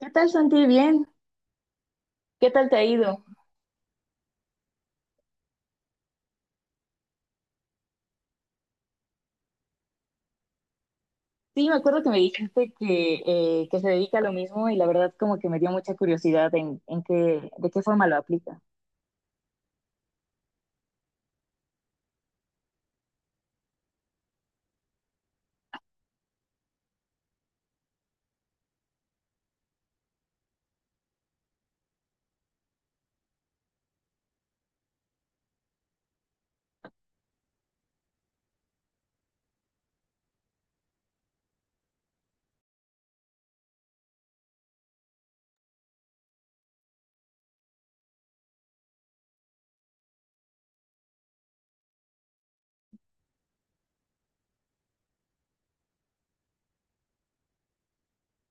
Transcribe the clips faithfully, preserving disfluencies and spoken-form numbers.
¿Qué tal, Santi? Bien. ¿Qué tal te ha ido? Sí, me acuerdo que me dijiste que, eh, que se dedica a lo mismo y la verdad como que me dio mucha curiosidad en, en qué, de qué forma lo aplica.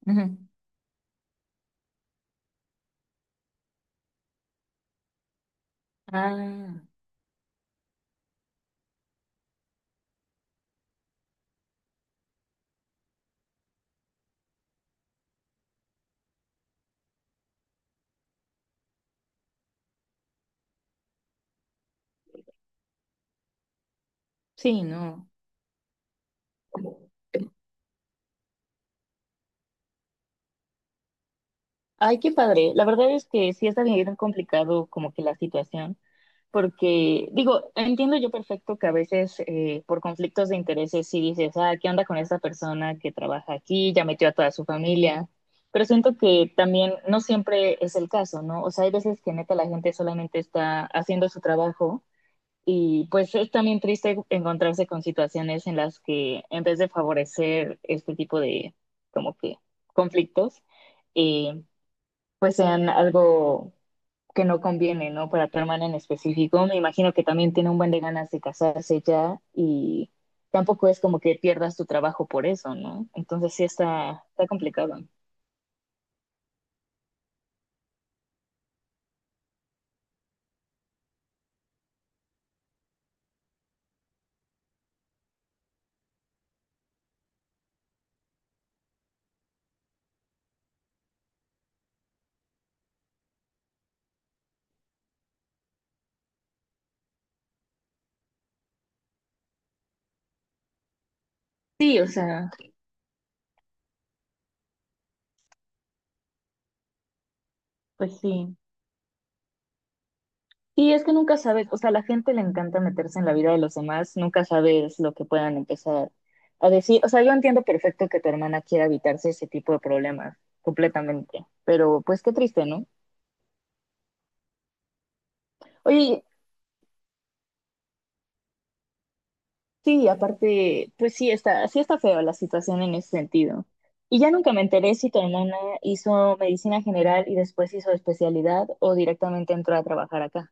Ujú. Ah, sí, no. Ay, qué padre. La verdad es que sí está bien complicado como que la situación. Porque digo, entiendo yo perfecto que a veces eh, por conflictos de intereses sí dices, ah, ¿qué onda con esta persona que trabaja aquí? Ya metió a toda su familia. Pero siento que también no siempre es el caso, ¿no? O sea, hay veces que neta la gente solamente está haciendo su trabajo y pues es también triste encontrarse con situaciones en las que en vez de favorecer este tipo de como que conflictos, eh, pues sean algo que no conviene, ¿no? Para tu hermana en específico. Me imagino que también tiene un buen de ganas de casarse ya y tampoco es como que pierdas tu trabajo por eso, ¿no? Entonces sí está, está complicado. Sí, o sea, pues sí. Y es que nunca sabes, o sea, a la gente le encanta meterse en la vida de los demás, nunca sabes lo que puedan empezar a decir. O sea, yo entiendo perfecto que tu hermana quiera evitarse ese tipo de problemas completamente, pero pues qué triste, ¿no? Oye, sí, aparte, pues sí está, sí está feo la situación en ese sentido. Y ya nunca me enteré si tu hermana hizo medicina general y después hizo especialidad o directamente entró a trabajar acá.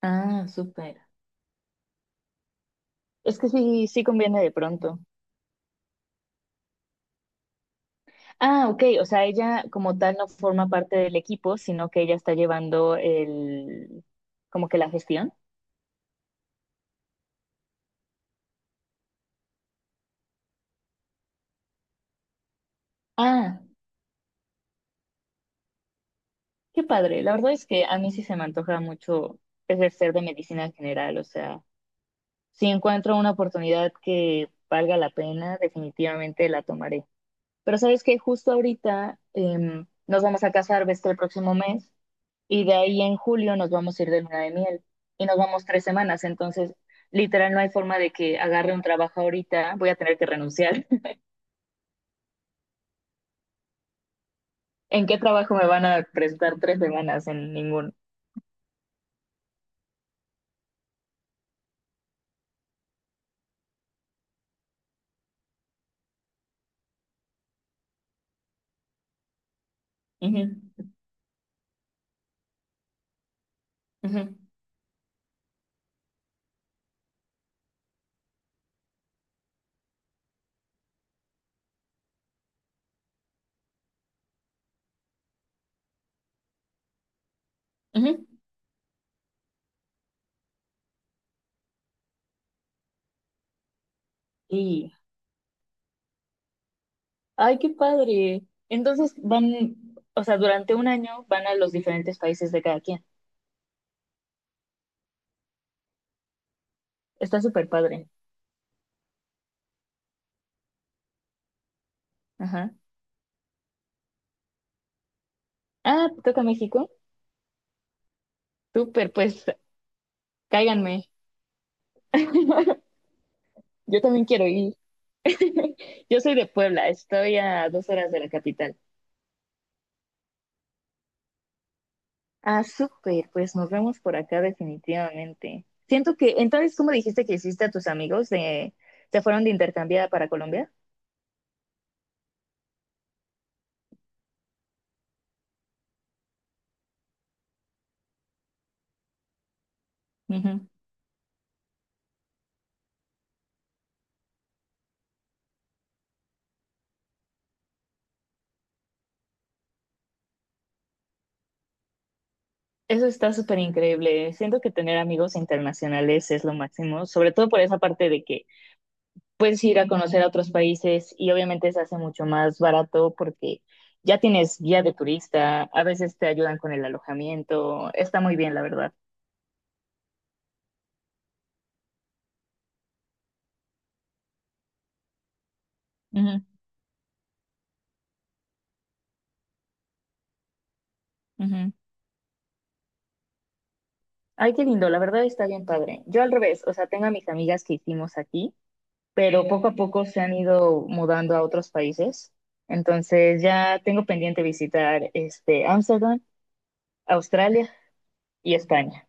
Ah, súper. Es que sí, sí conviene de pronto. Ah, ok, o sea, ella como tal no forma parte del equipo, sino que ella está llevando el, como que la gestión. Ah, qué padre. La verdad es que a mí sí se me antoja mucho ejercer de medicina general, o sea. Si encuentro una oportunidad que valga la pena, definitivamente la tomaré. Pero sabes que justo ahorita em, nos vamos a casar, ves que el próximo mes, y de ahí en julio nos vamos a ir de luna de miel y nos vamos tres semanas. Entonces, literal, no hay forma de que agarre un trabajo ahorita, voy a tener que renunciar. ¿En qué trabajo me van a prestar tres semanas? En ninguno. Ujú, ujú, ujú. Y, ay, qué padre. Entonces van, o sea, durante un año van a los diferentes países de cada quien. Está súper padre. Ajá. Ah, ¿te toca México? Súper, pues cáiganme. Yo también quiero ir. Yo soy de Puebla, estoy a dos horas de la capital. Ah, súper, pues nos vemos por acá definitivamente. Siento que, entonces tú me dijiste que hiciste a tus amigos de, se fueron de intercambiada para Colombia. Ujú. Eso está súper increíble. Siento que tener amigos internacionales es lo máximo, sobre todo por esa parte de que puedes ir a conocer a otros países y obviamente se hace mucho más barato porque ya tienes guía de turista, a veces te ayudan con el alojamiento, está muy bien, la verdad. Ujú, ujú. Ay, qué lindo, la verdad está bien padre. Yo al revés, o sea, tengo a mis amigas que hicimos aquí, pero poco a poco se han ido mudando a otros países. Entonces ya tengo pendiente visitar este Ámsterdam, Australia y España.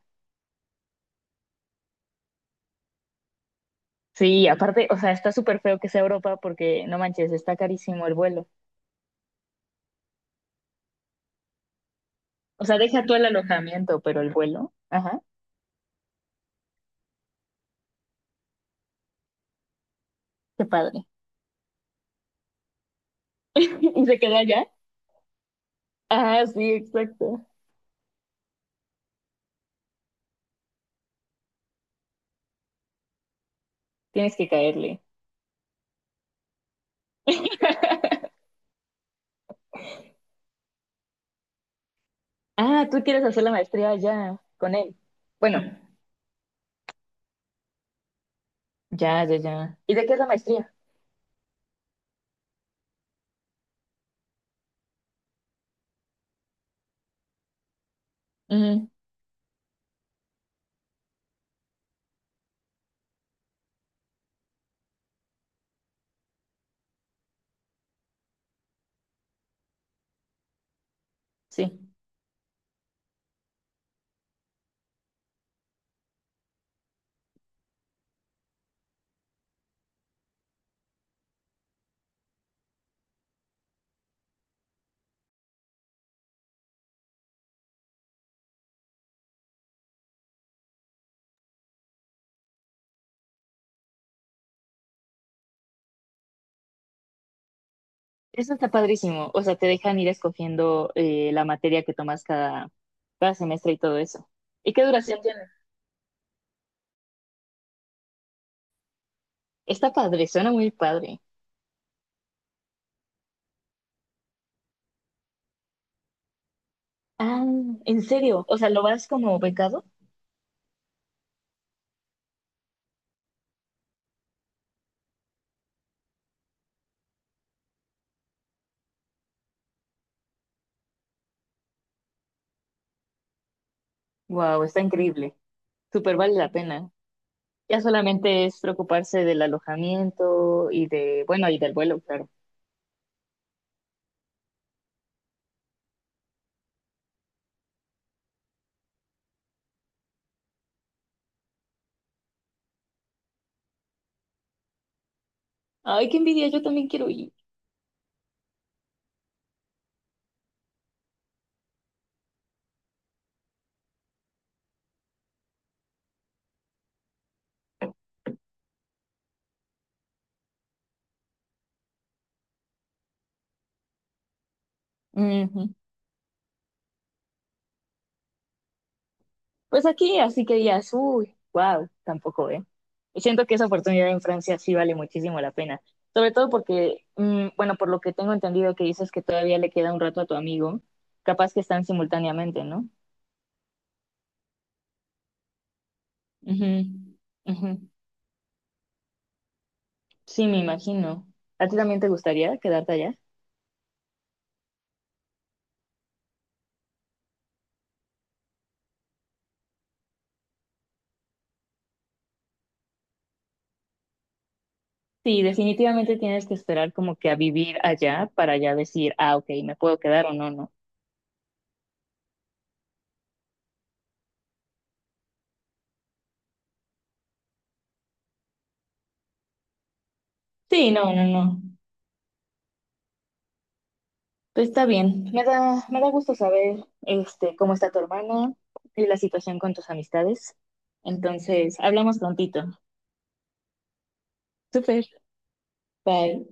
Sí, aparte, o sea, está súper feo que sea Europa porque no manches, está carísimo el vuelo. O sea, deja tú el alojamiento, pero el vuelo. Ajá, qué padre. ¿Y se queda allá? Ah, sí, exacto. Tienes que caerle. Ah, tú quieres hacer la maestría allá con él. Bueno, ya, ya, ya. ¿Y de qué es la maestría? Ujú, sí. Eso está padrísimo. O sea, te dejan ir escogiendo eh, la materia que tomas cada, cada semestre y todo eso. ¿Y qué duración tiene? Está padre, suena muy padre. Ah, ¿en serio? O sea, ¿lo vas como becado? Wow, está increíble. Súper vale la pena. Ya solamente es preocuparse del alojamiento y de, bueno, y del vuelo, claro. Ay, qué envidia, yo también quiero ir. Ujú. Pues aquí, así que ya, uy, wow, tampoco, ¿eh? Y siento que esa oportunidad en Francia sí vale muchísimo la pena. Sobre todo porque, mm, bueno, por lo que tengo entendido que dices que todavía le queda un rato a tu amigo, capaz que están simultáneamente, no. Ujú, ujú. Sí, me imagino. ¿A ti también te gustaría quedarte allá? Sí, definitivamente tienes que esperar como que a vivir allá para ya decir, ah, ok, me puedo quedar o no, no. Sí, no, no, no. Pues está bien. Me da, me da gusto saber, este, cómo está tu hermana y la situación con tus amistades. Entonces, hablamos prontito. Súper. Bye.